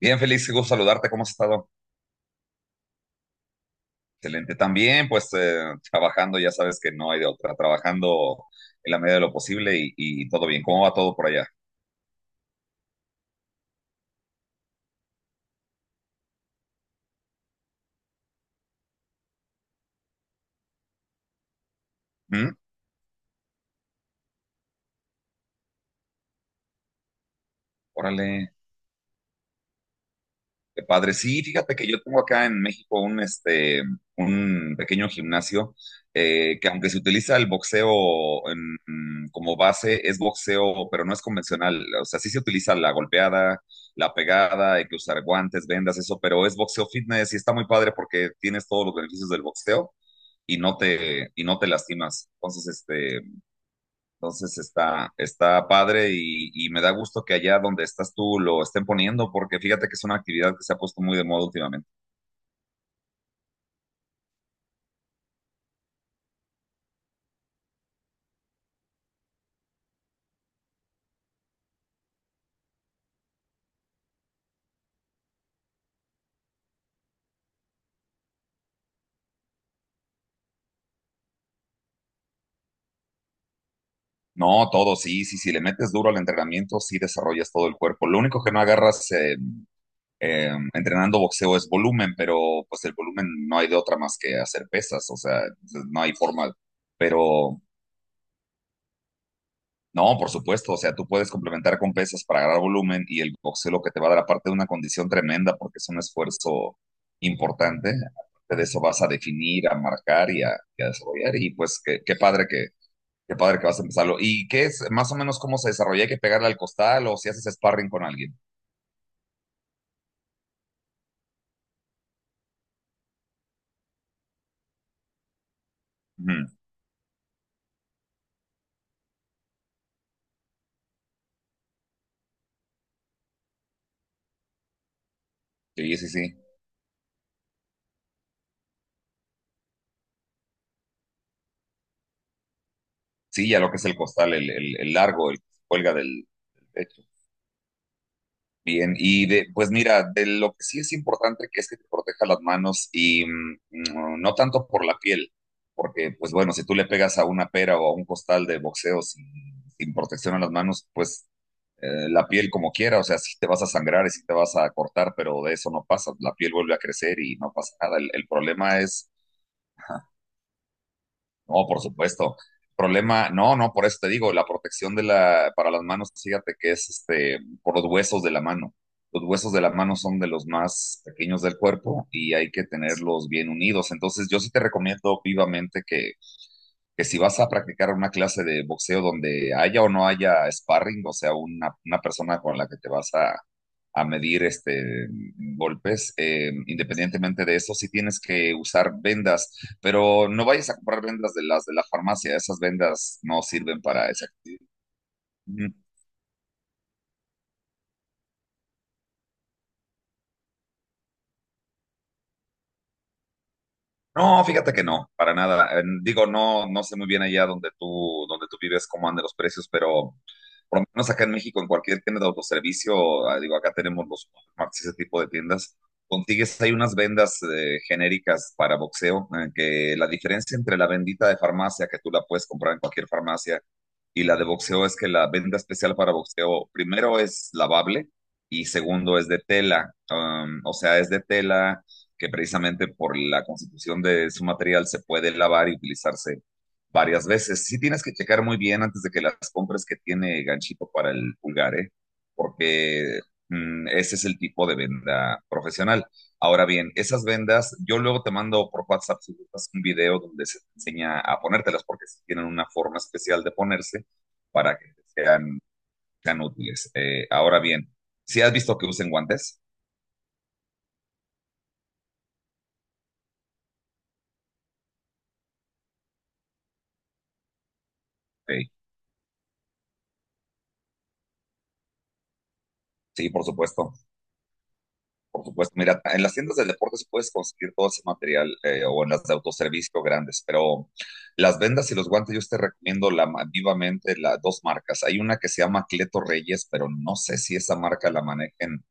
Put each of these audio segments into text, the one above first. Bien, Félix, qué gusto saludarte. ¿Cómo has estado? Excelente. También, pues, trabajando, ya sabes que no hay de otra. Trabajando en la medida de lo posible y todo bien. ¿Cómo va todo por allá? ¿Mm? Órale. Qué padre. Sí, fíjate que yo tengo acá en México un pequeño gimnasio, que aunque se utiliza el boxeo en- como base, es boxeo, pero no es convencional. O sea, sí se utiliza la golpeada, la pegada, hay que usar guantes, vendas, eso, pero es boxeo fitness y está muy padre porque tienes todos los beneficios del boxeo y no te lastimas. Entonces está padre y me da gusto que allá donde estás tú lo estén poniendo, porque fíjate que es una actividad que se ha puesto muy de moda últimamente. No, todo, sí, sí, si le metes duro al entrenamiento, sí desarrollas todo el cuerpo. Lo único que no agarras entrenando boxeo es volumen, pero pues el volumen no hay de otra más que hacer pesas, o sea, no hay forma, pero no, por supuesto. O sea, tú puedes complementar con pesas para agarrar volumen y el boxeo lo que te va a dar, aparte de una condición tremenda porque es un esfuerzo importante, aparte de eso vas a definir, a marcar y a desarrollar. Y pues qué padre que vas a empezarlo. ¿Y qué es más o menos cómo se desarrolla? ¿Hay que pegarle al costal o si haces sparring con alguien? Ujú. Sí, sí, sí. Sí, ya lo que es el costal, el largo, el que se cuelga del del techo. Bien, y de, pues mira, de lo que sí es importante que es que te proteja las manos, y no tanto por la piel, porque pues bueno, si tú le pegas a una pera o a un costal de boxeo sin protección a las manos, pues la piel como quiera, o sea, sí te vas a sangrar y sí te vas a cortar, pero de eso no pasa, la piel vuelve a crecer y no pasa nada. El problema es no, por supuesto. Problema, no, no, por eso te digo, la protección de la, para las manos, fíjate que es este, por los huesos de la mano. Los huesos de la mano son de los más pequeños del cuerpo y hay que tenerlos bien unidos. Entonces, yo sí te recomiendo vivamente que si vas a practicar una clase de boxeo donde haya o no haya sparring, o sea, una persona con la que te vas a medir golpes, independientemente de eso, sí tienes que usar vendas, pero no vayas a comprar vendas de las de la farmacia, esas vendas no sirven para esa. No, fíjate que no, para nada. Digo, no, no sé muy bien allá donde tú vives cómo andan los precios, pero por lo menos acá en México, en cualquier tienda de autoservicio, ah, digo, acá tenemos los Walmarts y ese tipo de tiendas, consigues, hay unas vendas genéricas para boxeo, que la diferencia entre la vendita de farmacia, que tú la puedes comprar en cualquier farmacia, y la de boxeo es que la venda especial para boxeo, primero es lavable y segundo es de tela. O sea, es de tela que precisamente por la constitución de su material se puede lavar y utilizarse varias veces. Sí tienes que checar muy bien antes de que las compres que tiene ganchito para el pulgar, ¿eh? Porque ese es el tipo de venda profesional. Ahora bien, esas vendas, yo luego te mando por WhatsApp, si gustas, un video donde se te enseña a ponértelas, porque sí tienen una forma especial de ponerse para que sean, sean útiles. Ahora bien, si has visto que usen guantes, ok, sí, por supuesto. Por supuesto, mira, en las tiendas de deportes puedes conseguir todo ese material, o en las de autoservicio grandes, pero las vendas y los guantes yo te recomiendo la, vivamente las dos marcas. Hay una que se llama Cleto Reyes, pero no sé si esa marca la manejen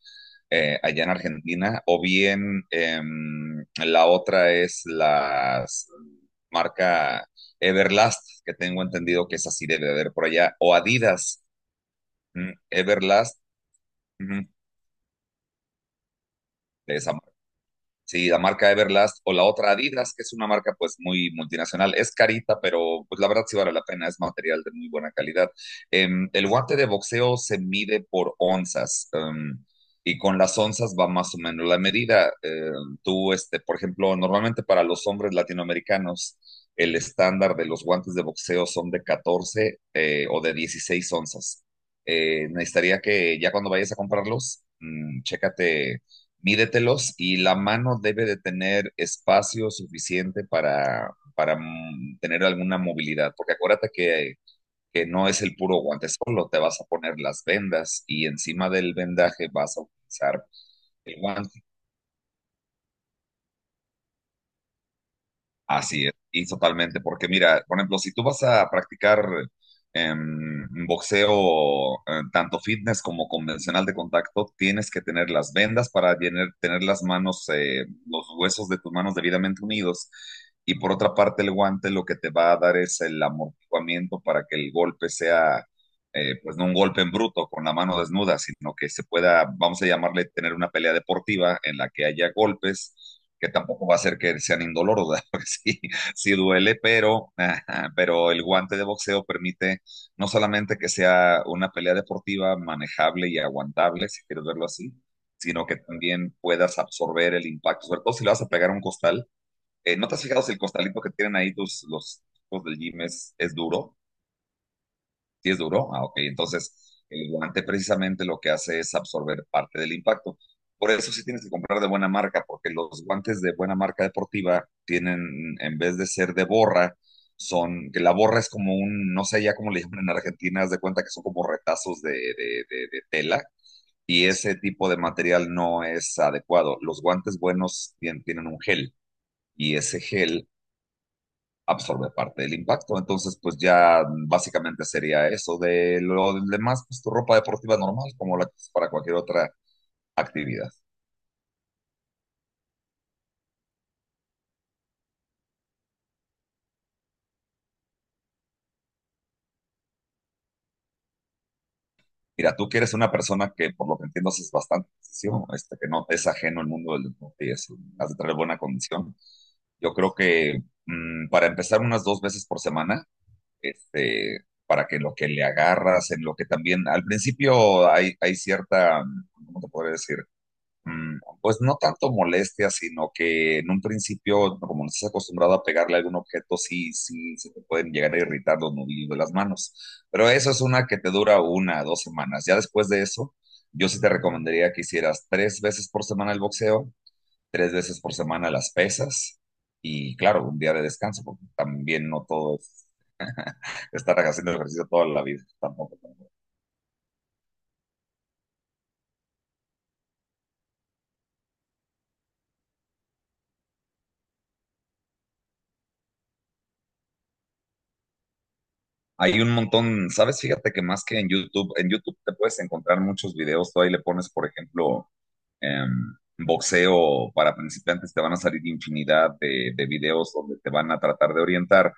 allá en Argentina, o bien la otra es la marca Everlast, que tengo entendido que esa sí debe de haber por allá, o Adidas. Everlast, ujú, de esa. Sí, la marca Everlast o la otra Adidas, que es una marca pues muy multinacional. Es carita, pero pues la verdad sí vale la pena, es material de muy buena calidad. El guante de boxeo se mide por onzas, y con las onzas va más o menos la medida. Tú, este, por ejemplo, normalmente para los hombres latinoamericanos el estándar de los guantes de boxeo son de 14, o de 16 onzas. Necesitaría que ya cuando vayas a comprarlos, chécate, mídetelos, y la mano debe de tener espacio suficiente para, para tener alguna movilidad, porque acuérdate que no es el puro guante solo, te vas a poner las vendas y encima del vendaje vas a utilizar el guante. Así es, y totalmente, porque mira, por ejemplo, si tú vas a practicar boxeo, tanto fitness como convencional de contacto, tienes que tener las vendas para tener las manos, los huesos de tus manos debidamente unidos. Y por otra parte, el guante lo que te va a dar es el amortiguamiento para que el golpe sea, pues no un golpe en bruto con la mano desnuda, sino que se pueda, vamos a llamarle, tener una pelea deportiva en la que haya golpes que tampoco va a ser que sean indoloros, ¿verdad? Porque sí, sí duele, pero, ajá, pero el guante de boxeo permite no solamente que sea una pelea deportiva manejable y aguantable, si quieres verlo así, sino que también puedas absorber el impacto, sobre todo si le vas a pegar a un costal. ¿No te has fijado si el costalito que tienen ahí tus, los tipos del gym es duro? ¿Sí es duro? Ah, ok. Entonces, el guante precisamente lo que hace es absorber parte del impacto. Por eso sí tienes que comprar de buena marca, porque los guantes de buena marca deportiva tienen, en vez de ser de borra, son, que la borra es como un, no sé ya cómo le llaman en Argentina, haz de cuenta que son como retazos de tela, y ese tipo de material no es adecuado. Los guantes buenos tienen un gel, y ese gel absorbe parte del impacto. Entonces, pues ya básicamente sería eso. De lo demás, pues tu ropa deportiva normal, como la que es para cualquier otra actividad. Mira, tú que eres una persona que, por lo que entiendo, es bastante ejercicio, este, que no es ajeno al mundo del deporte y eso, has de tener buena condición. Yo creo que para empezar unas 2 veces por semana, este, para que lo que le agarras, en lo que también, al principio hay cierta, ¿cómo te podría decir? Pues no tanto molestia, sino que en un principio, como no estás acostumbrado a pegarle a algún objeto, sí, sí, se te pueden llegar a irritar los nudillos de las manos. Pero eso es una que te dura una, dos semanas. Ya después de eso, yo sí te recomendaría que hicieras 3 veces por semana el boxeo, 3 veces por semana las pesas y, claro, un día de descanso, porque también no todo es estar haciendo ejercicio toda la vida, tampoco, ¿no? Hay un montón, ¿sabes? Fíjate que más que en YouTube te puedes encontrar muchos videos. Tú ahí le pones, por ejemplo, em, boxeo para principiantes, te van a salir infinidad de videos donde te van a tratar de orientar.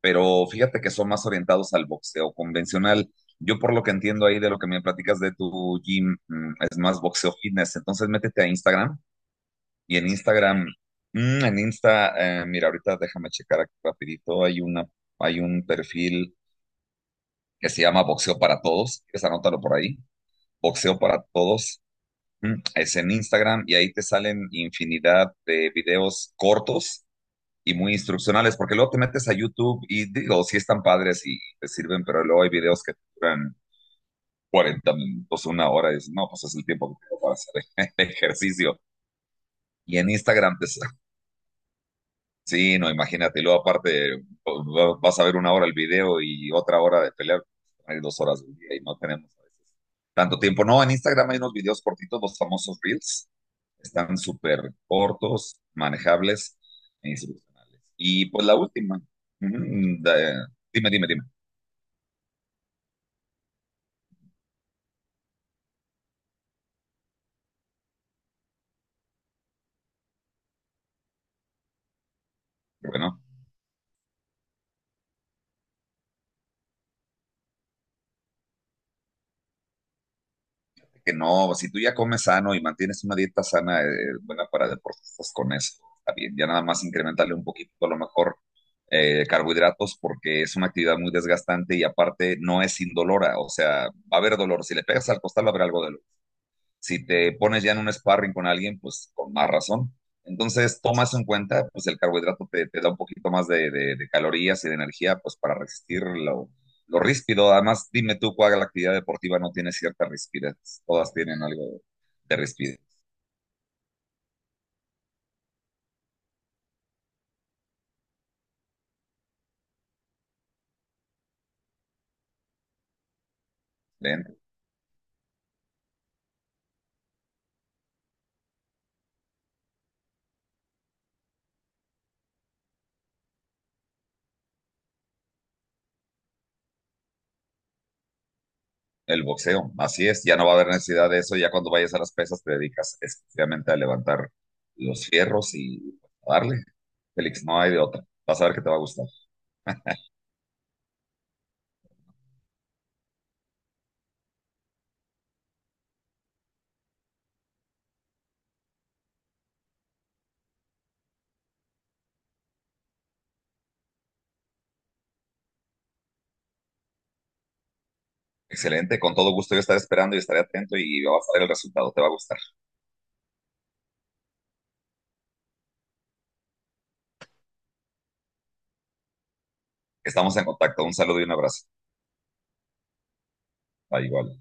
Pero fíjate que son más orientados al boxeo convencional. Yo, por lo que entiendo ahí de lo que me platicas de tu gym, es más boxeo fitness. Entonces, métete a Instagram y en Instagram, mira, ahorita déjame checar aquí rapidito. Hay un perfil que se llama Boxeo para Todos. ¿Quieres anótalo por ahí? Boxeo para Todos. Es en Instagram y ahí te salen infinidad de videos cortos y muy instruccionales, porque luego te metes a YouTube y digo, sí están padres y te sirven, pero luego hay videos que duran 40 minutos, una hora, y dices, no, pues es el tiempo que tengo para hacer el ejercicio. Y en Instagram te, sí, no, imagínatelo, aparte vas a ver 1 hora el video y otra hora de pelear, hay 2 horas del día y no tenemos a veces tanto tiempo. No, en Instagram hay unos videos cortitos, los famosos Reels, están súper cortos, manejables e instruccionales. Y pues la última, ujú, dime, dime, dime, porque no. Que no, si tú ya comes sano y mantienes una dieta sana, buena para deportistas, con eso está bien. Ya nada más incrementarle un poquito, a lo mejor, carbohidratos, porque es una actividad muy desgastante y aparte no es indolora, o sea, va a haber dolor. Si le pegas al costal, va a haber algo de, si te pones ya en un sparring con alguien, pues con más razón. Entonces, toma eso en cuenta, pues el carbohidrato te, te da un poquito más de- de- calorías y de energía, pues para resistir lo ríspido. Además, dime tú cuál actividad deportiva no tiene cierta rispidez. Todas tienen algo de rispidez dentro. El boxeo, así es, ya no va a haber necesidad de eso. Ya cuando vayas a las pesas, te dedicas exclusivamente a levantar los fierros y pues, a darle. Félix, no hay de otra. Vas a ver que te va a gustar. Excelente, con todo gusto yo estaré esperando y estaré atento y vas a ver el resultado, te va a gustar. Estamos en contacto, un saludo y un abrazo. Ah, igual.